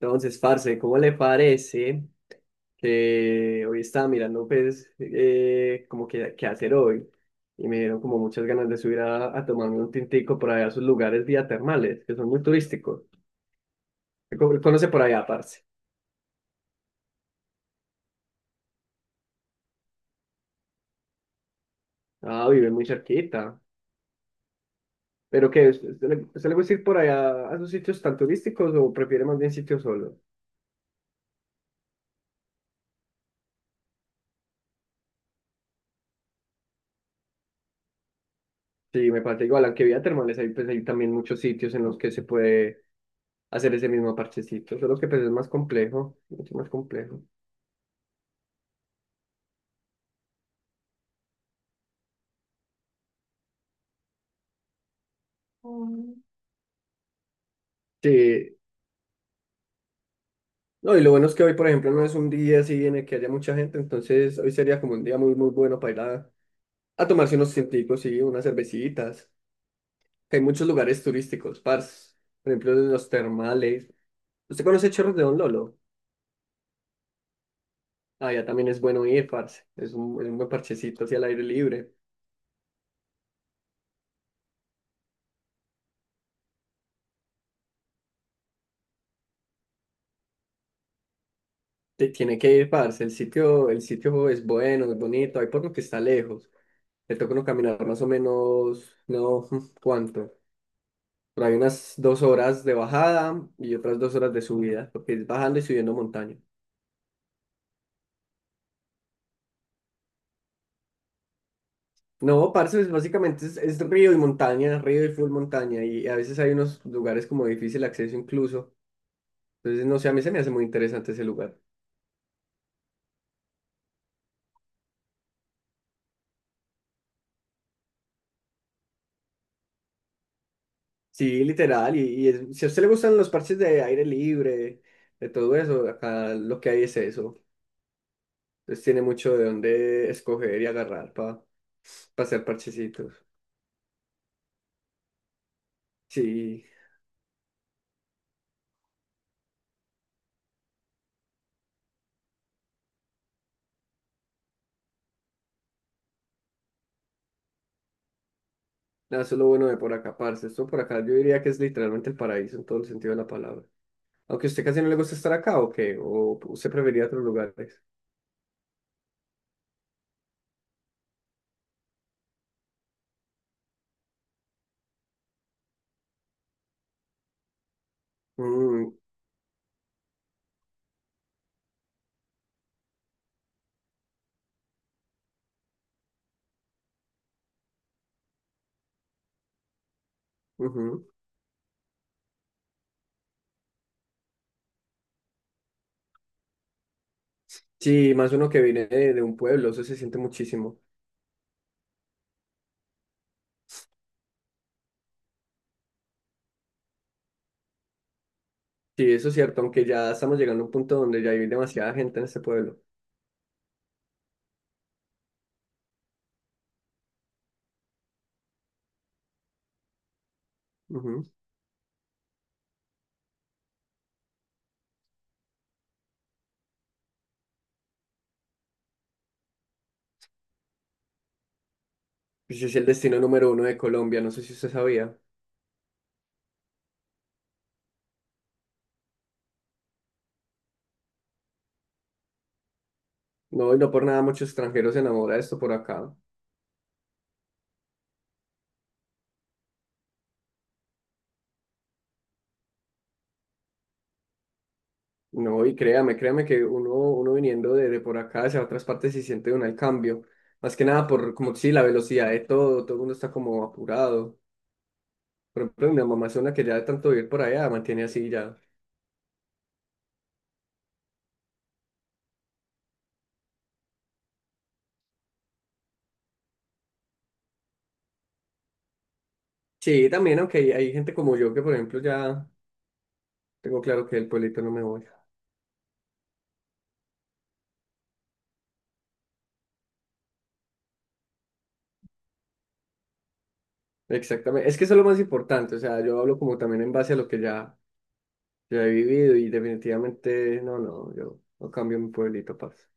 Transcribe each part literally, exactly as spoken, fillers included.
Entonces, parce, ¿cómo le parece que hoy estaba mirando, pues, eh, como que qué hacer hoy? Y me dieron como muchas ganas de subir a, a tomarme un tintico por allá a sus lugares vía termales, que son muy turísticos. ¿Qué co- ¿Conoce por allá, parce? Ah, vive muy cerquita. ¿Pero qué? ¿Usted usted le, usted le gusta ir por allá a esos sitios tan turísticos o prefiere más bien sitios solos? Sí, me parece igual, aunque vía termales hay, pues, hay también muchos sitios en los que se puede hacer ese mismo parchecito, solo que pues es más complejo, mucho más complejo. Sí. No, y lo bueno es que hoy, por ejemplo, no es un día así en el que haya mucha gente, entonces hoy sería como un día muy, muy bueno para ir a, a tomarse unos científicos y unas cervecitas. Hay muchos lugares turísticos, parce. Por ejemplo, los termales. ¿Usted conoce Chorros de Don Lolo? Allá también es bueno ir, parce. Es un, es un buen parchecito hacia el aire libre. Te- tiene que ir, parce. El sitio, el sitio es bueno, es bonito. Hay por lo que está lejos. Le toca uno caminar más o menos, no, ¿cuánto? Pero hay unas dos horas de bajada y otras dos horas de subida, porque es bajando y subiendo montaña. No, parce, es- básicamente es, es río y montaña, río y full montaña, y a veces hay unos lugares como de difícil acceso incluso. Entonces, no sé, a mí se me hace muy interesante ese lugar. Sí, literal, y, y es- si a usted le gustan los parches de aire libre, de todo eso, acá lo que hay es eso. Entonces tiene mucho de dónde escoger y agarrar para hacer parchecitos. Sí. Nada, eso es lo bueno de por acá, parce. Esto por acá yo diría que es literalmente el paraíso en todo el sentido de la palabra. Aunque a usted casi no le gusta estar acá, ¿o qué? ¿O usted preferiría otros lugares? Mm, ujú. Sí, más uno que viene de, de un pueblo, eso se siente muchísimo. Sí, eso es cierto, aunque ya estamos llegando a un punto donde ya hay demasiada gente en este pueblo. Ujú. Pues es el destino número uno de Colombia, no sé si usted sabía. No, y no por nada muchos extranjeros se enamoran de esto por acá. No, y créame, créame que uno, uno viniendo de, de por acá hacia otras partes se siente un el cambio. Más que nada por, como sí, la velocidad de todo, todo el mundo está como apurado. Por ejemplo, mi mamá es una que ya de tanto vivir por allá mantiene así ya. Sí, también, aunque hay, hay gente como yo que, por ejemplo, ya tengo claro que del pueblito no me voy. Exactamente, es que eso es lo más importante, o sea, yo hablo como también en base a lo que ya, ya he vivido y definitivamente, no, no, yo no cambio mi pueblito, parce.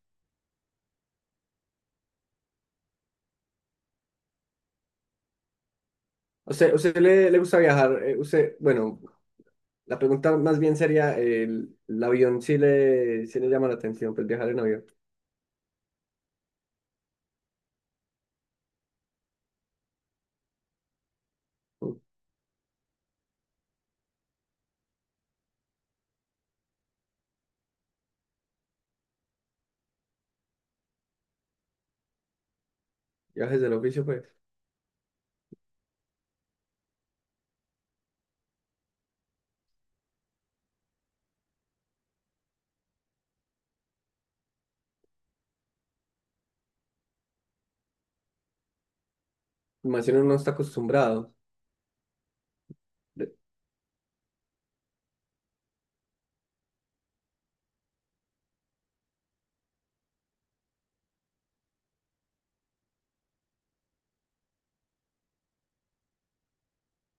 O sea, ¿usted le, le gusta viajar? eh, usted, bueno, la pregunta más bien sería, el, el avión sí le, sí le llama la atención, pues viajar en avión. Mm. Viajes del oficio, pues. Más si uno no está acostumbrado. De-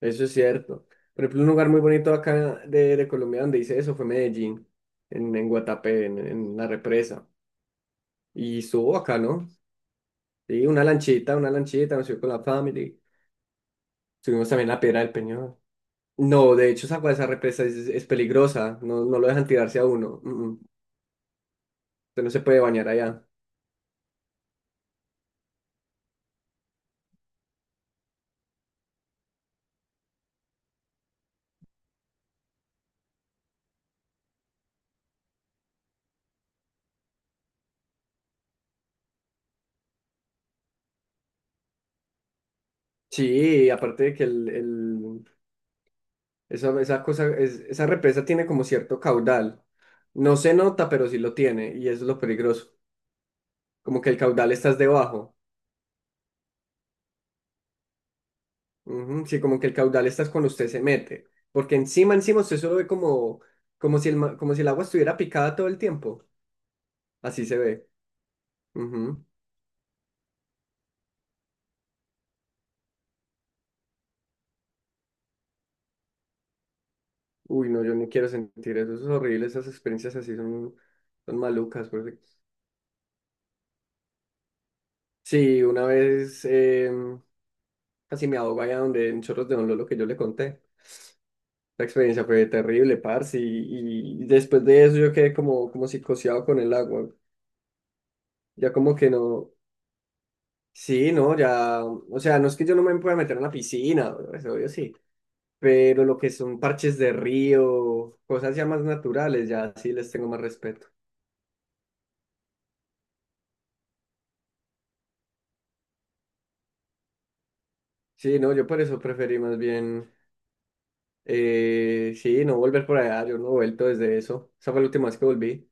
Eso es cierto. Por ejemplo, un lugar muy bonito acá de, de Colombia donde hice eso fue Medellín, en, en Guatapé, en, en la represa. Y estuvo acá, ¿no? Sí, una lanchita, una lanchita, nos fuimos con la family. Subimos también la Piedra del Peñón. No, de hecho, esa, agua de esa represa es, es peligrosa. No, no lo dejan tirarse a uno. Mm, mm. Usted no se puede bañar allá. Sí, aparte de que el, el- esa, esa cosa, es- esa represa tiene como cierto caudal. No se nota, pero sí lo tiene, y eso es lo peligroso. Como que el caudal estás debajo. Ujú. Sí, como que el caudal estás cuando usted se mete. Porque encima, encima usted solo ve como, como si el, ma- como si el agua estuviera picada todo el tiempo. Así se ve. Ujú. Uy, no, yo no quiero sentir eso. Eso es horrible. Esas experiencias así son, son malucas. porque- Sí, una vez em, casi me ahogo allá donde en Chorros de Don Lolo que yo le conté. La experiencia fue terrible, parce, y, y después de eso yo quedé como, como psicoseado con el agua. Ya como que no, sí, no, ya, o sea, no es que yo no me pueda meter en la piscina, eso obvio sí, pero lo que son parches de río, cosas ya más naturales, ya sí les tengo más respeto. Sí, no, yo por eso preferí más bien, eh, sí, no volver por allá, yo no he vuelto desde eso, esa fue la última vez que volví.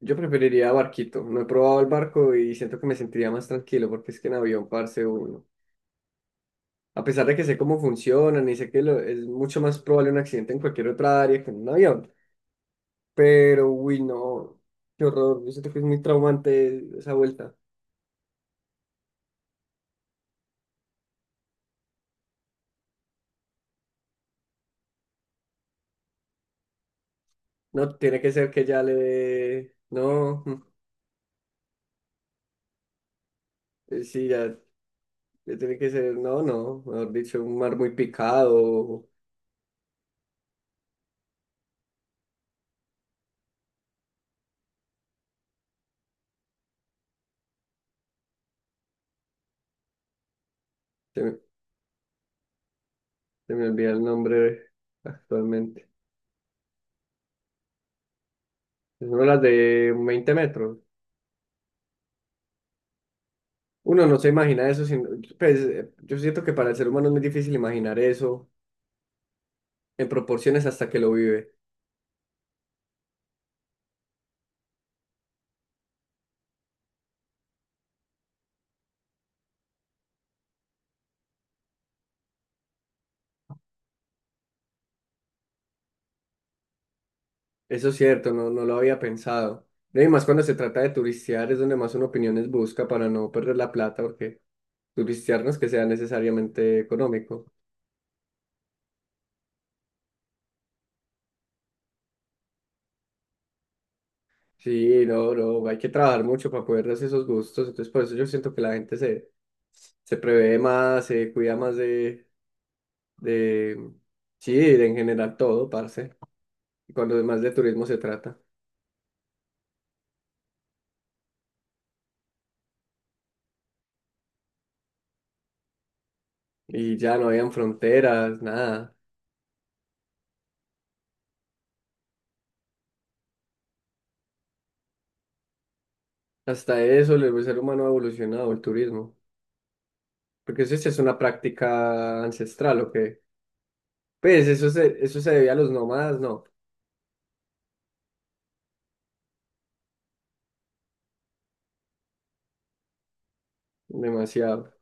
Yo preferiría barquito, no he probado el barco y siento que me sentiría más tranquilo porque es que en avión, parce, uno. A pesar de que sé cómo funcionan y sé que lo- es mucho más probable un accidente en cualquier otra área que en un avión. Pero, uy, no, qué horror. Yo siento que es muy traumante esa vuelta. No, tiene que ser que ya le dé- no, mm, eh, sí, ya ya tiene que ser. No, no, mejor dicho, un mar muy picado. Se me, se me olvida el nombre actualmente. Es una de las de veinte metros. Uno no se imagina eso. Sin, pues, eh, yo siento que para el ser humano es muy difícil imaginar eso en proporciones hasta que lo vive. Eso es cierto, no, no lo había pensado. No, y más cuando se trata de turistear es donde más uno opiniones busca para no perder la plata, porque turistear no es que sea necesariamente económico. Sí, no, no, hay que trabajar mucho para poder darse esos gustos. Entonces, por eso yo siento que la gente se, se prevé más, se cuida más de, de, sí, de en general todo, parce. Y cuando más de turismo se trata. Y ya no habían fronteras, nada. Hasta eso, el ser humano ha evolucionado, el turismo. Porque eso sí es una práctica ancestral, ¿o qué? Pues eso se, eso se debía a los nómadas, no, demasiado.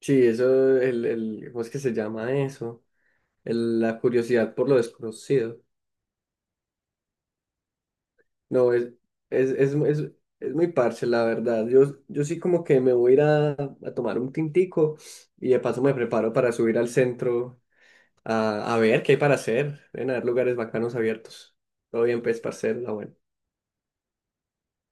Sí, eso, el, el, ¿cómo es que se llama eso? El- la curiosidad por lo desconocido. No, es, es, es, es, es muy parche, la verdad. Yo, yo sí como que me voy a ir a, a tomar un tintico y de paso me preparo para subir al centro a, a ver qué hay para hacer. Deben haber lugares bacanos abiertos. Todo bien, pues, parcero, la buena.